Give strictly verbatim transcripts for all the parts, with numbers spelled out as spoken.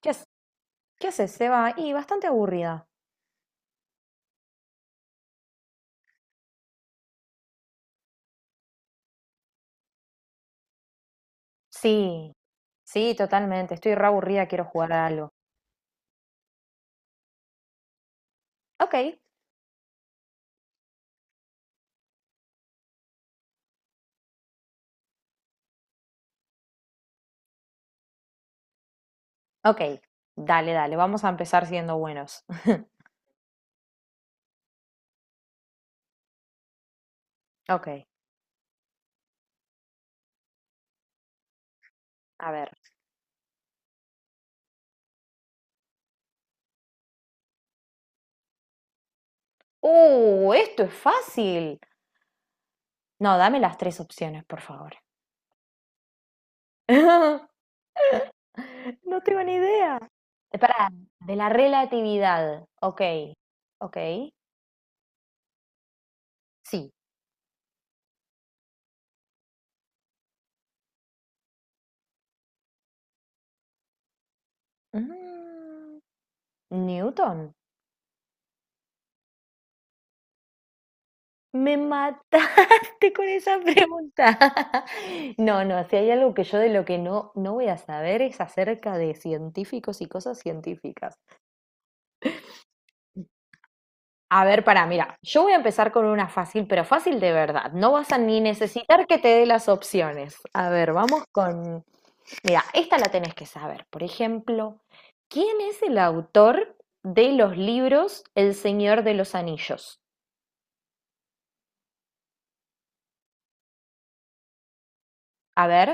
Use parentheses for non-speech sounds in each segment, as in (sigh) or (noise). ¿Qué, hac- ¿Qué haces, Seba? Y bastante aburrida. Sí, sí, totalmente. Estoy re aburrida, quiero jugar a algo. Ok, ok. Dale, dale, vamos a empezar siendo buenos. (laughs) Ok, a ver. ¡Uh! Esto es fácil. No, dame las tres opciones, por favor. (laughs) No tengo ni idea. Espera, de la relatividad. Ok, ok. Sí. Mm, Newton. Me mataste (laughs) con esa pregunta. (laughs) No, no, si hay algo que yo de lo que no, no voy a saber es acerca de científicos y cosas científicas. A ver, para, mira, yo voy a empezar con una fácil, pero fácil de verdad. No vas a ni necesitar que te dé las opciones. A ver, vamos con... Mira, esta la tenés que saber. Por ejemplo, ¿quién es el autor de los libros El Señor de los Anillos? A ver,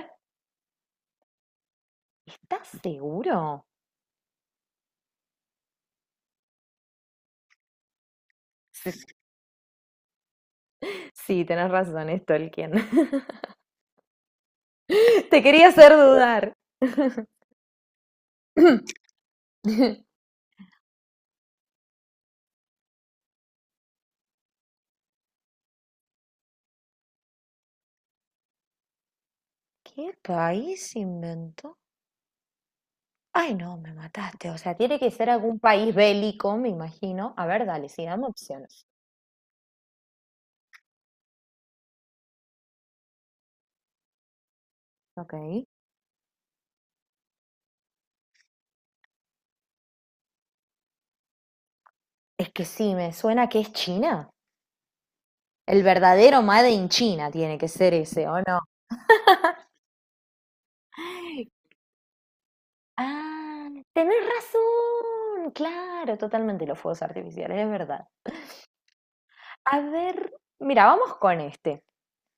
¿estás seguro? Sí, tenés razón, es Tolkien. (laughs) Te quería hacer dudar. (coughs) (clears throat) ¿Qué país inventó? Ay, no, me mataste. O sea, tiene que ser algún país bélico, me imagino. A ver, dale, sí, dame opciones. Ok. Es que sí, me suena que es China. El verdadero Made in China tiene que ser ese, ¿o no? (gasps) Ay, ah, tenés razón. Claro, totalmente los fuegos artificiales, es verdad. A ver, mira, vamos con este.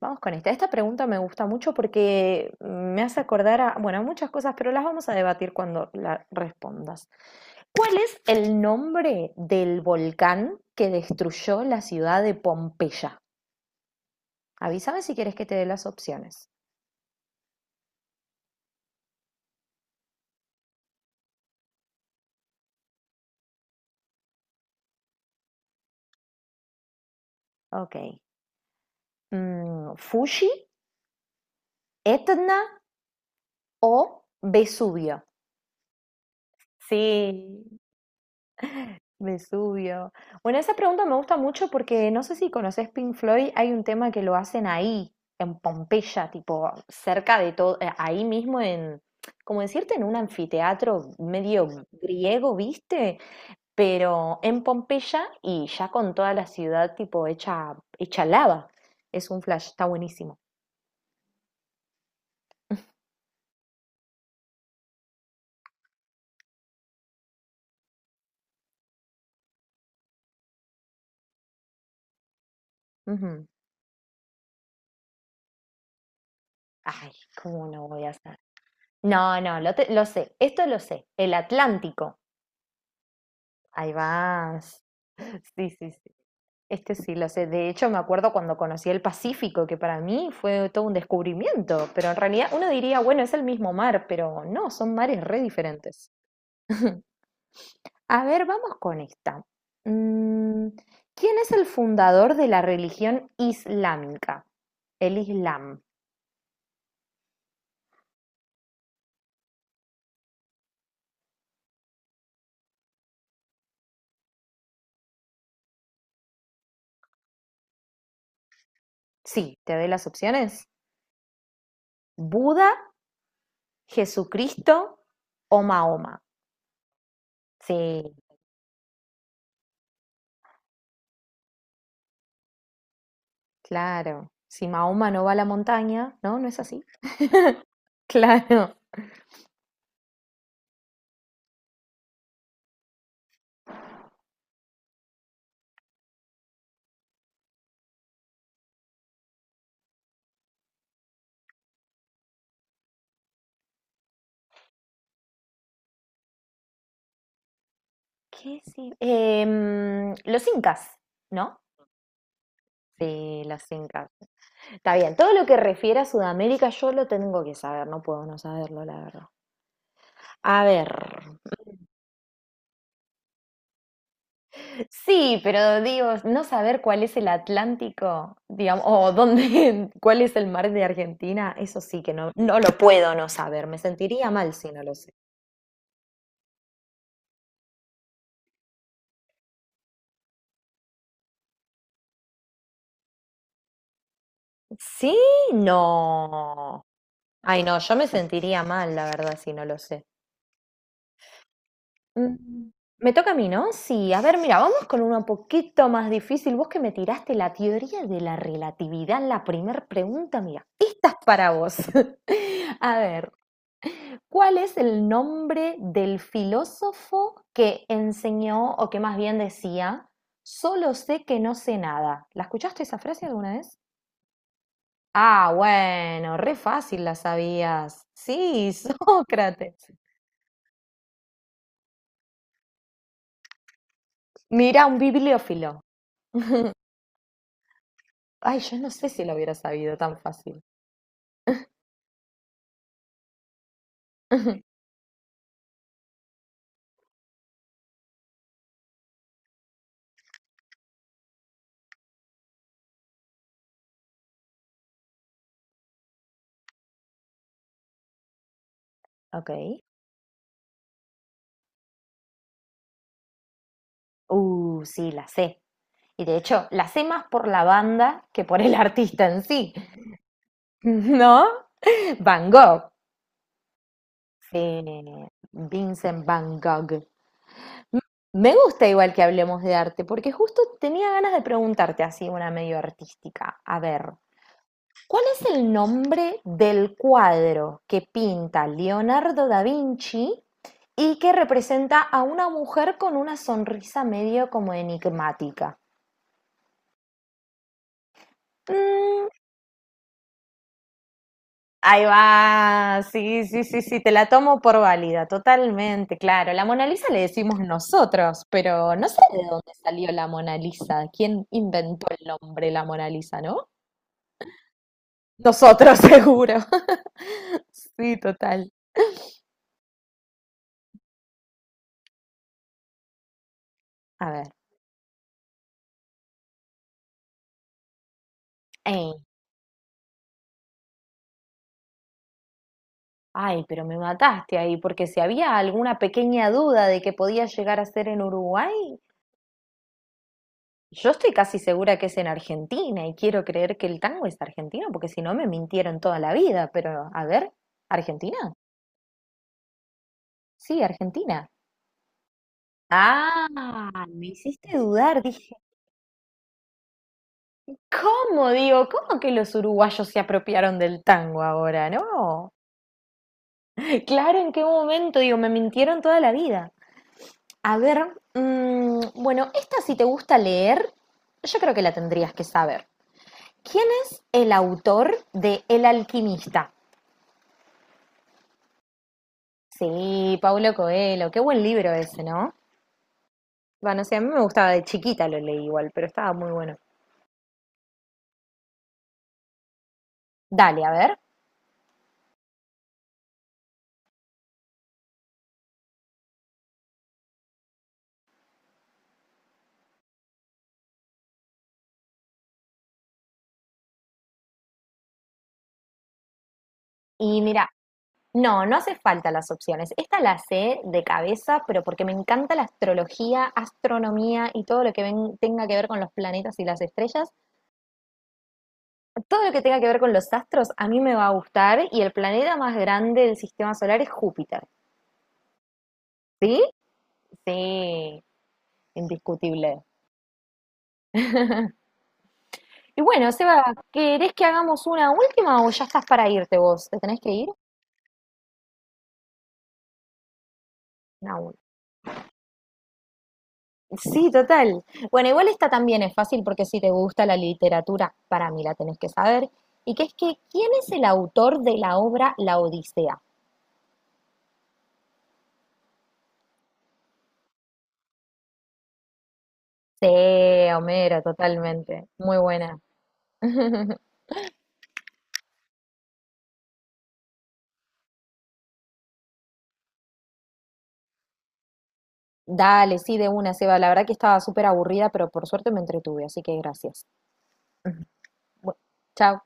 Vamos con esta. Esta pregunta me gusta mucho porque me hace acordar a, bueno, a muchas cosas, pero las vamos a debatir cuando la respondas. ¿Cuál es el nombre del volcán que destruyó la ciudad de Pompeya? Avísame si quieres que te dé las opciones. Ok. Mm, Fuji, Etna o Vesubio? Sí, Vesubio. Bueno, esa pregunta me gusta mucho porque no sé si conoces Pink Floyd, hay un tema que lo hacen ahí, en Pompeya, tipo cerca de todo, eh, ahí mismo en, como decirte, en un anfiteatro medio griego, ¿viste? Pero en Pompeya y ya con toda la ciudad tipo hecha, hecha lava. Es un flash, está buenísimo. Ujú. Ay, ¿cómo no voy a hacer? No, no, lo, te- Lo sé, esto lo sé. El Atlántico. Ahí vas. (laughs) Sí, sí, sí. Este sí lo sé. De hecho, me acuerdo cuando conocí el Pacífico, que para mí fue todo un descubrimiento. Pero en realidad uno diría, bueno, es el mismo mar, pero no, son mares re diferentes. (laughs) A ver, vamos con esta. Mm, ¿Quién es el fundador de la religión islámica? El Islam. Sí, te doy las opciones. Buda, Jesucristo o Mahoma. Sí, claro. Si Mahoma no va a la montaña, ¿no? ¿No es así? (laughs) Claro. ¿Qué sí? Em, los incas, ¿no? Sí, los incas. Está bien, todo lo que refiere a Sudamérica yo lo tengo que saber, no puedo no saberlo, la verdad. A ver, sí, pero digo, no saber cuál es el Atlántico, digamos, o dónde, (laughs) cuál es el mar de Argentina, eso sí que no, no lo puedo no saber, me sentiría mal si no lo sé. Sí, no. Ay, no, yo me sentiría mal, la verdad, si no lo sé. Mm, Me toca a mí, ¿no? Sí, a ver, mira, vamos con uno un poquito más difícil. Vos que me tiraste la teoría de la relatividad en la primera pregunta, mira, esta es para vos. (laughs) A ver, ¿cuál es el nombre del filósofo que enseñó, o que más bien decía, solo sé que no sé nada? ¿La escuchaste esa frase alguna vez? Ah, bueno, re fácil la sabías. Sí, (laughs) Sócrates. Mira, un bibliófilo. (laughs) Ay, yo no sé si lo hubiera sabido tan fácil. (laughs) Ok. Uh, sí, la sé. Y de hecho, la sé más por la banda que por el (laughs) artista en sí. (laughs) ¿No? Van Gogh. Sí, Vincent Van Gogh. Me gusta igual que hablemos de arte, porque justo tenía ganas de preguntarte así una medio artística. A ver, ¿cuál es el nombre del cuadro que pinta Leonardo da Vinci y que representa a una mujer con una sonrisa medio como enigmática? Mm, ahí va, sí, sí, sí, sí, te la tomo por válida, totalmente, claro. La Mona Lisa le decimos nosotros, pero no sé de dónde salió la Mona Lisa, quién inventó el nombre la Mona Lisa, ¿no? Nosotros, (laughs) seguro. (laughs) Sí, total. A ver. Eh, Ay, pero me mataste ahí, porque si había alguna pequeña duda de que podía llegar a ser en Uruguay, yo estoy casi segura que es en Argentina y quiero creer que el tango es argentino, porque si no me mintieron toda la vida, pero a ver, ¿Argentina? Sí, Argentina. Ah, me hiciste dudar, dije, ¿cómo digo? ¿Cómo que los uruguayos se apropiaron del tango ahora? No, claro, ¿en qué momento? Digo, me mintieron toda la vida. A ver, mm, bueno, esta si te gusta leer, yo creo que la tendrías que saber. ¿Quién es el autor de El alquimista? Sí, Paulo Coelho, qué buen libro ese, ¿no? Bueno, sí, a mí me gustaba de chiquita, lo leí igual, pero estaba muy bueno. Dale, a ver. Y mira, no, no hace falta las opciones. Esta la sé de cabeza, pero porque me encanta la astrología, astronomía y todo lo que ven- tenga que ver con los planetas y las estrellas. Todo lo que tenga que ver con los astros a mí me va a gustar y el planeta más grande del sistema solar es Júpiter. ¿Sí? Sí, indiscutible. (laughs) Y bueno, Seba, ¿querés que hagamos una última o ya estás para irte vos? ¿Te tenés que ir? Una. Sí, total. Bueno, igual esta también es fácil porque si te gusta la literatura, para mí la tenés que saber. Y que es que, ¿quién es el autor de la obra La Odisea? Sí, Homero, totalmente. Muy buena. (laughs) Dale, sí, de una, Seba. La verdad que estaba súper aburrida, pero por suerte me entretuve, así que gracias. (laughs) Bueno, chao.